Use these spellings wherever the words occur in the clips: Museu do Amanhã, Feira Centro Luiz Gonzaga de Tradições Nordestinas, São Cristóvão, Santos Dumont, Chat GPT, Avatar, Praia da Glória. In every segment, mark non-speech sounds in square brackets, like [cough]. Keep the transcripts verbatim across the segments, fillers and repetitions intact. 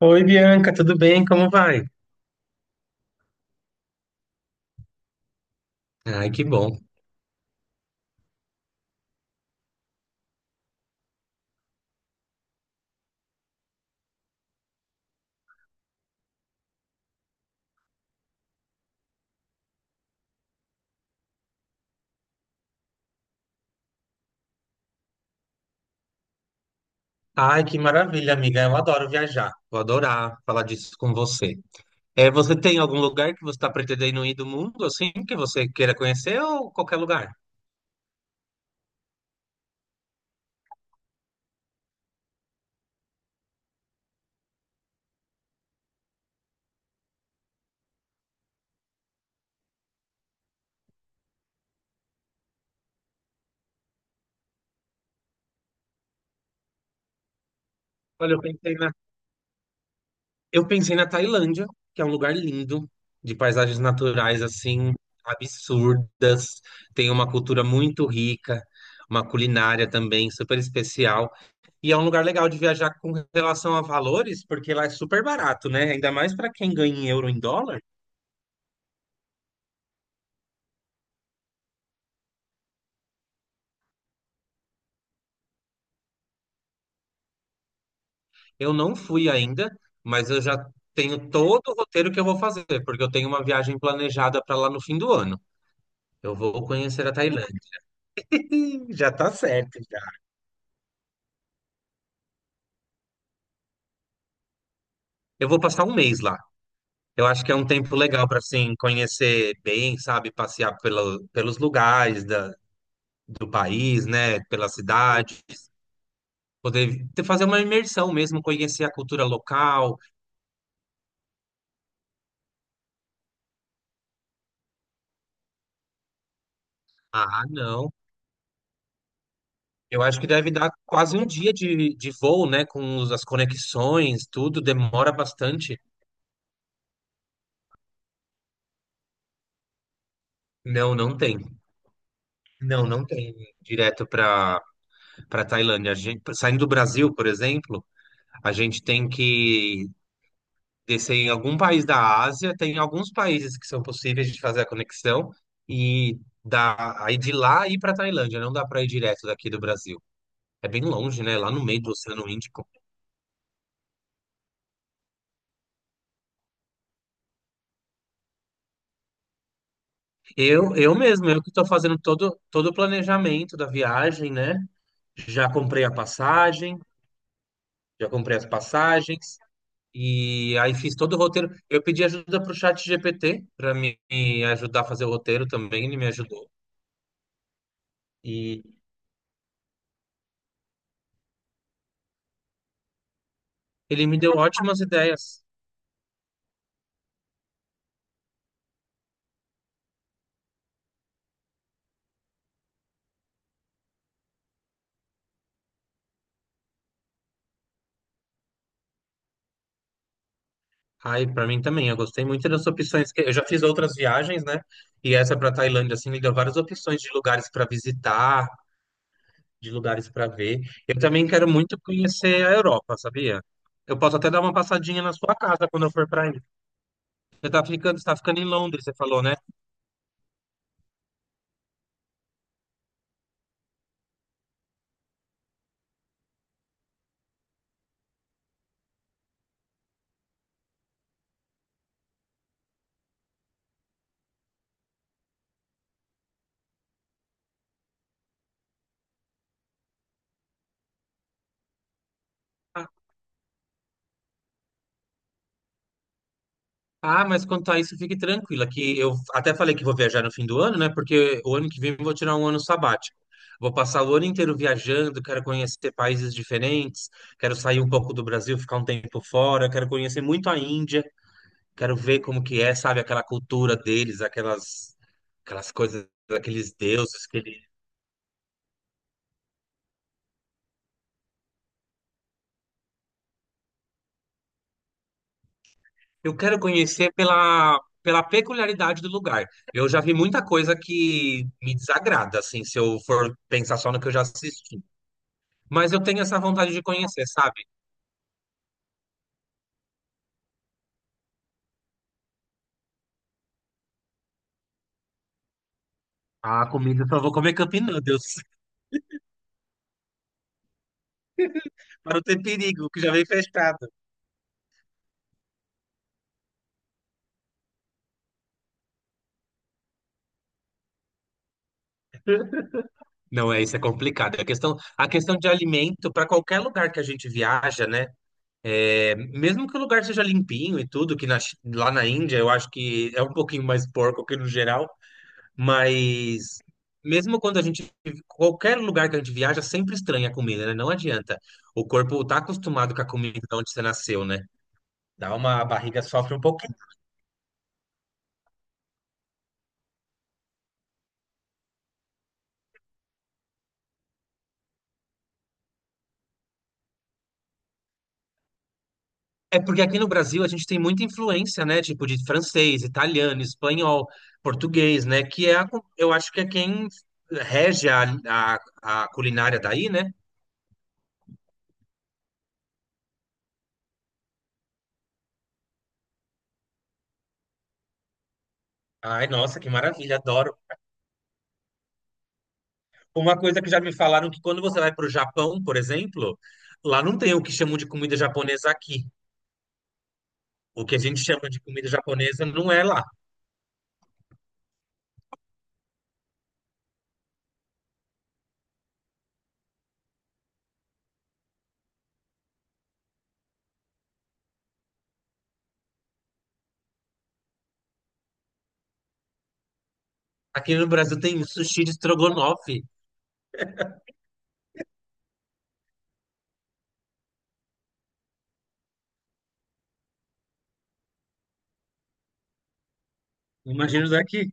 Oi, Bianca, tudo bem? Como vai? Ai, que bom. Ai, que maravilha, amiga. Eu adoro viajar. Vou adorar falar disso com você. É, você tem algum lugar que você está pretendendo ir do mundo, assim, que você queira conhecer ou qualquer lugar? Olha, eu pensei na, Eu pensei na Tailândia, que é um lugar lindo, de paisagens naturais, assim, absurdas. Tem uma cultura muito rica, uma culinária também super especial. E é um lugar legal de viajar com relação a valores, porque lá é super barato, né? Ainda mais para quem ganha em euro em dólar. Eu não fui ainda, mas eu já tenho todo o roteiro que eu vou fazer, porque eu tenho uma viagem planejada para lá no fim do ano. Eu vou conhecer a Tailândia. [laughs] Já tá certo, já. Eu vou passar um mês lá. Eu acho que é um tempo legal para assim conhecer bem, sabe, passear pelo, pelos lugares da, do país, né, pela cidade, poder ter- fazer uma imersão mesmo, conhecer a cultura local. Ah, não. Eu acho que deve dar quase um dia de, de voo, né? Com os- as conexões, tudo demora bastante. Não, não tem. Não, não tem direto para para Tailândia. A gente, saindo do Brasil, por exemplo, a gente tem que descer em algum país da Ásia. Tem alguns países que são possíveis de fazer a conexão e dá, aí de lá ir para Tailândia. Não dá para ir direto daqui do Brasil. É bem longe, né? Lá no meio do Oceano Índico. Eu, eu mesmo, eu que estou fazendo todo, todo o planejamento da viagem, né? Já comprei a passagem, já comprei as passagens, e aí fiz todo o roteiro. Eu pedi ajuda para o chat G P T para me me ajudar a fazer o roteiro também, ele me ajudou. E ele me deu ótimas ideias. Aí, para mim também, eu gostei muito das opções. que- Eu já fiz outras viagens, né? E essa para Tailândia, assim, me deu várias opções de lugares para visitar, de lugares para ver. Eu também quero muito conhecer a Europa, sabia? Eu posso até dar uma passadinha na sua casa quando eu for para aí. Eu tava ficando, você tá ficando em Londres, você falou, né? Ah, ah, mas quanto a isso, fique tranquila, que eu até falei que vou viajar no fim do ano, né? Porque o ano que vem eu vou tirar um ano sabático. Vou passar o ano inteiro viajando, quero conhecer países diferentes, quero sair um pouco do Brasil, ficar um tempo fora, quero conhecer muito a Índia, quero ver como que é, sabe, aquela cultura deles, aquelas aquelas coisas, aqueles deuses que eles... Eu quero conhecer pela, pela peculiaridade do lugar. Eu já vi muita coisa que me desagrada, assim, se eu for pensar só no que eu já assisti. Mas eu tenho essa vontade de conhecer, sabe? A comida eu só vou comer Campinas, meu Deus, [laughs] para não ter perigo, que já vem fechado. Não, é isso, é complicado. A questão, a questão de alimento, para qualquer lugar que a gente viaja, né? É, mesmo que o lugar seja limpinho e tudo, que na Chi- lá na Índia eu acho que é um pouquinho mais porco que no geral. Mas mesmo quando a gente, qualquer lugar que a gente viaja, sempre estranha a comida, né? Não adianta. O corpo tá acostumado com a comida de onde você nasceu, né? Dá uma a barriga sofre um pouquinho. É porque aqui no Brasil a gente tem muita influência, né? Tipo de francês, italiano, espanhol, português, né? Que é, a co- eu acho que é quem rege a, a, a culinária daí, né? Ai, nossa, que maravilha, adoro. Uma coisa que já me falaram, que quando você vai para o Japão, por exemplo, lá não tem o que chamam de comida japonesa aqui. O que a gente chama de comida japonesa não é lá. Aqui no Brasil tem sushi de estrogonofe. Imagina daqui.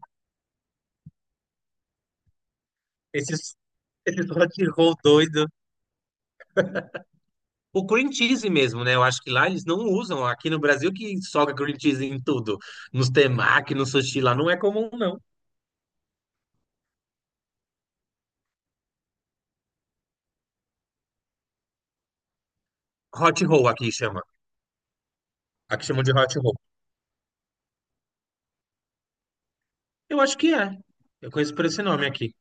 Esses, esses hot [laughs] roll doido. O cream cheese mesmo, né? Eu acho que lá eles não usam. Aqui no Brasil que soca cream cheese em tudo. Nos temaki, no sushi lá não é comum, não. Hot roll aqui chama. Aqui chamam de hot roll. Eu acho que é. Eu conheço por esse nome aqui.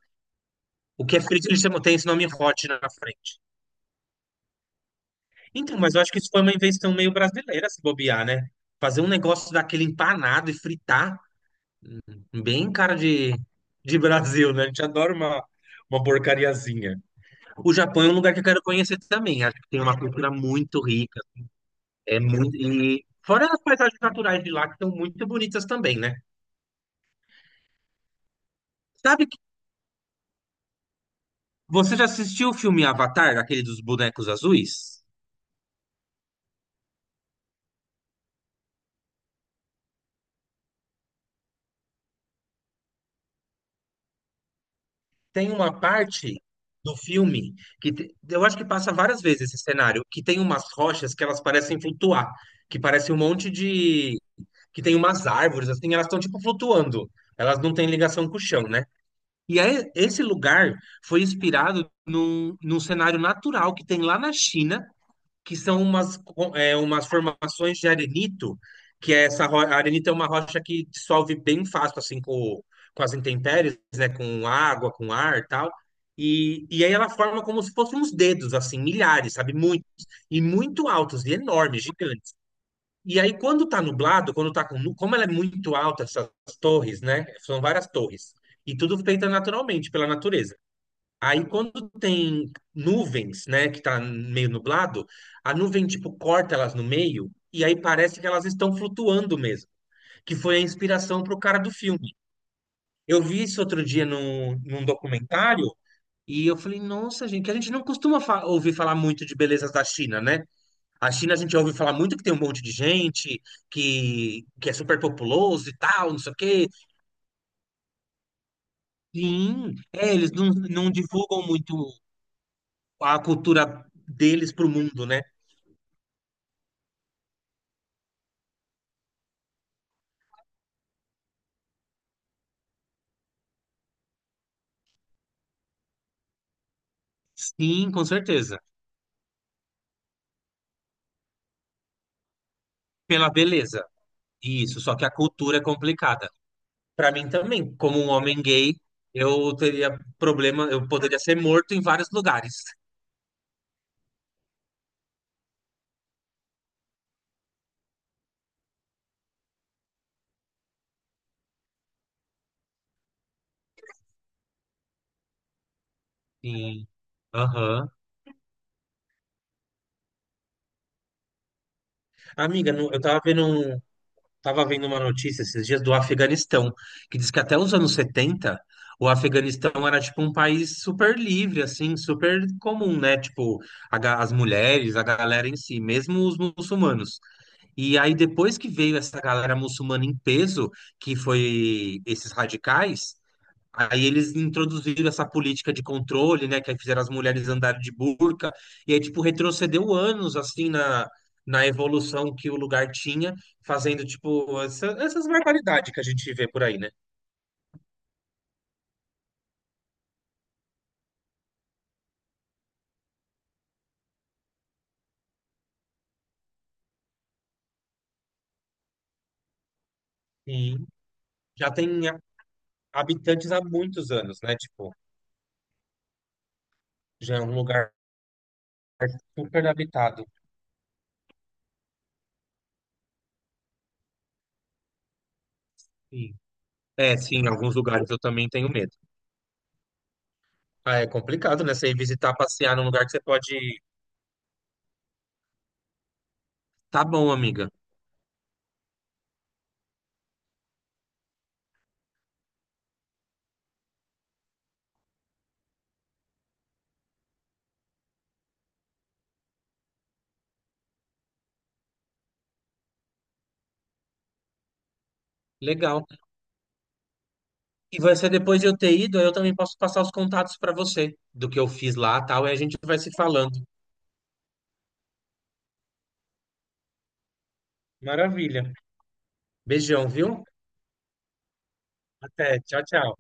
O que é frito, eles chamam, tem esse nome hot na frente. Então, mas eu acho que isso foi uma invenção meio brasileira, se bobear, né? Fazer um negócio daquele empanado e fritar. Bem cara de, de Brasil, né? A gente adora uma, uma porcariazinha. O Japão é um lugar que eu quero conhecer também. Acho que tem uma cultura muito rica. É muito. E fora as paisagens naturais de lá, que são muito bonitas também, né? Sabe que, você já assistiu o filme Avatar, aquele dos bonecos azuis? Tem uma parte do filme que te- eu acho que passa várias vezes esse cenário, que tem umas rochas que elas parecem flutuar, que parece um monte de que tem umas árvores, assim, elas estão tipo flutuando. Elas não têm ligação com o chão, né? E aí, esse lugar foi inspirado num, num cenário natural que tem lá na China, que são umas, co- é, umas formações de arenito, que é essa ro- a arenito é uma rocha que dissolve bem fácil, assim, com, com as intempéries, né? Com água, com ar e tal. E, e aí ela forma como se fossem uns dedos, assim, milhares, sabe? Muitos. E muito altos, e enormes, gigantes. E aí, quando tá nublado, quando tá com, nu- como ela é muito alta, essas torres, né? São várias torres. E tudo feita naturalmente, pela natureza. Aí, quando tem nuvens, né? Que tá meio nublado, a nuvem, tipo, corta elas no meio. E aí parece que elas estão flutuando mesmo. Que foi a inspiração pro cara do filme. Eu vi isso outro dia num, num documentário. E eu falei, nossa, gente, que a gente não costuma fa- ouvir falar muito de belezas da China, né? A China a gente ouve falar muito que tem um monte de gente, que, que é super populoso e tal, não sei o quê. Sim, é, eles não, não divulgam muito a cultura deles pro mundo, né? Sim, com certeza. Pela beleza. Isso, só que a cultura é complicada. Para mim também, como um homem gay, eu teria problema, eu poderia ser morto em vários lugares. Sim. Aham. Amiga, não- eu tava vendo um, estava vendo uma notícia esses dias do Afeganistão, que diz que até os anos setenta o Afeganistão era tipo um país super livre, assim, super comum, né? Tipo, a ga- as mulheres, a galera em si, mesmo os muçulmanos. E aí, depois que veio essa galera muçulmana em peso, que foi esses radicais, aí eles introduziram essa política de controle, né, que aí fizeram as mulheres andarem de burca, e aí, tipo, retrocedeu anos, assim, na, na evolução que o lugar tinha, fazendo, tipo, essa- essas barbaridades que a gente vê por aí, né? E já tem ha- habitantes há muitos anos, né? Tipo, já é um lugar super habitado. Sim. É, sim, em alguns lugares eu também tenho medo. Ah, é complicado, né? Você ir visitar, passear num lugar que você pode... Tá bom, amiga. Legal. E vai ser depois de eu ter ido, aí eu também posso passar os contatos para você do que eu fiz lá, tal, e a gente vai se falando. Maravilha. Beijão, viu? Até. Tchau, tchau.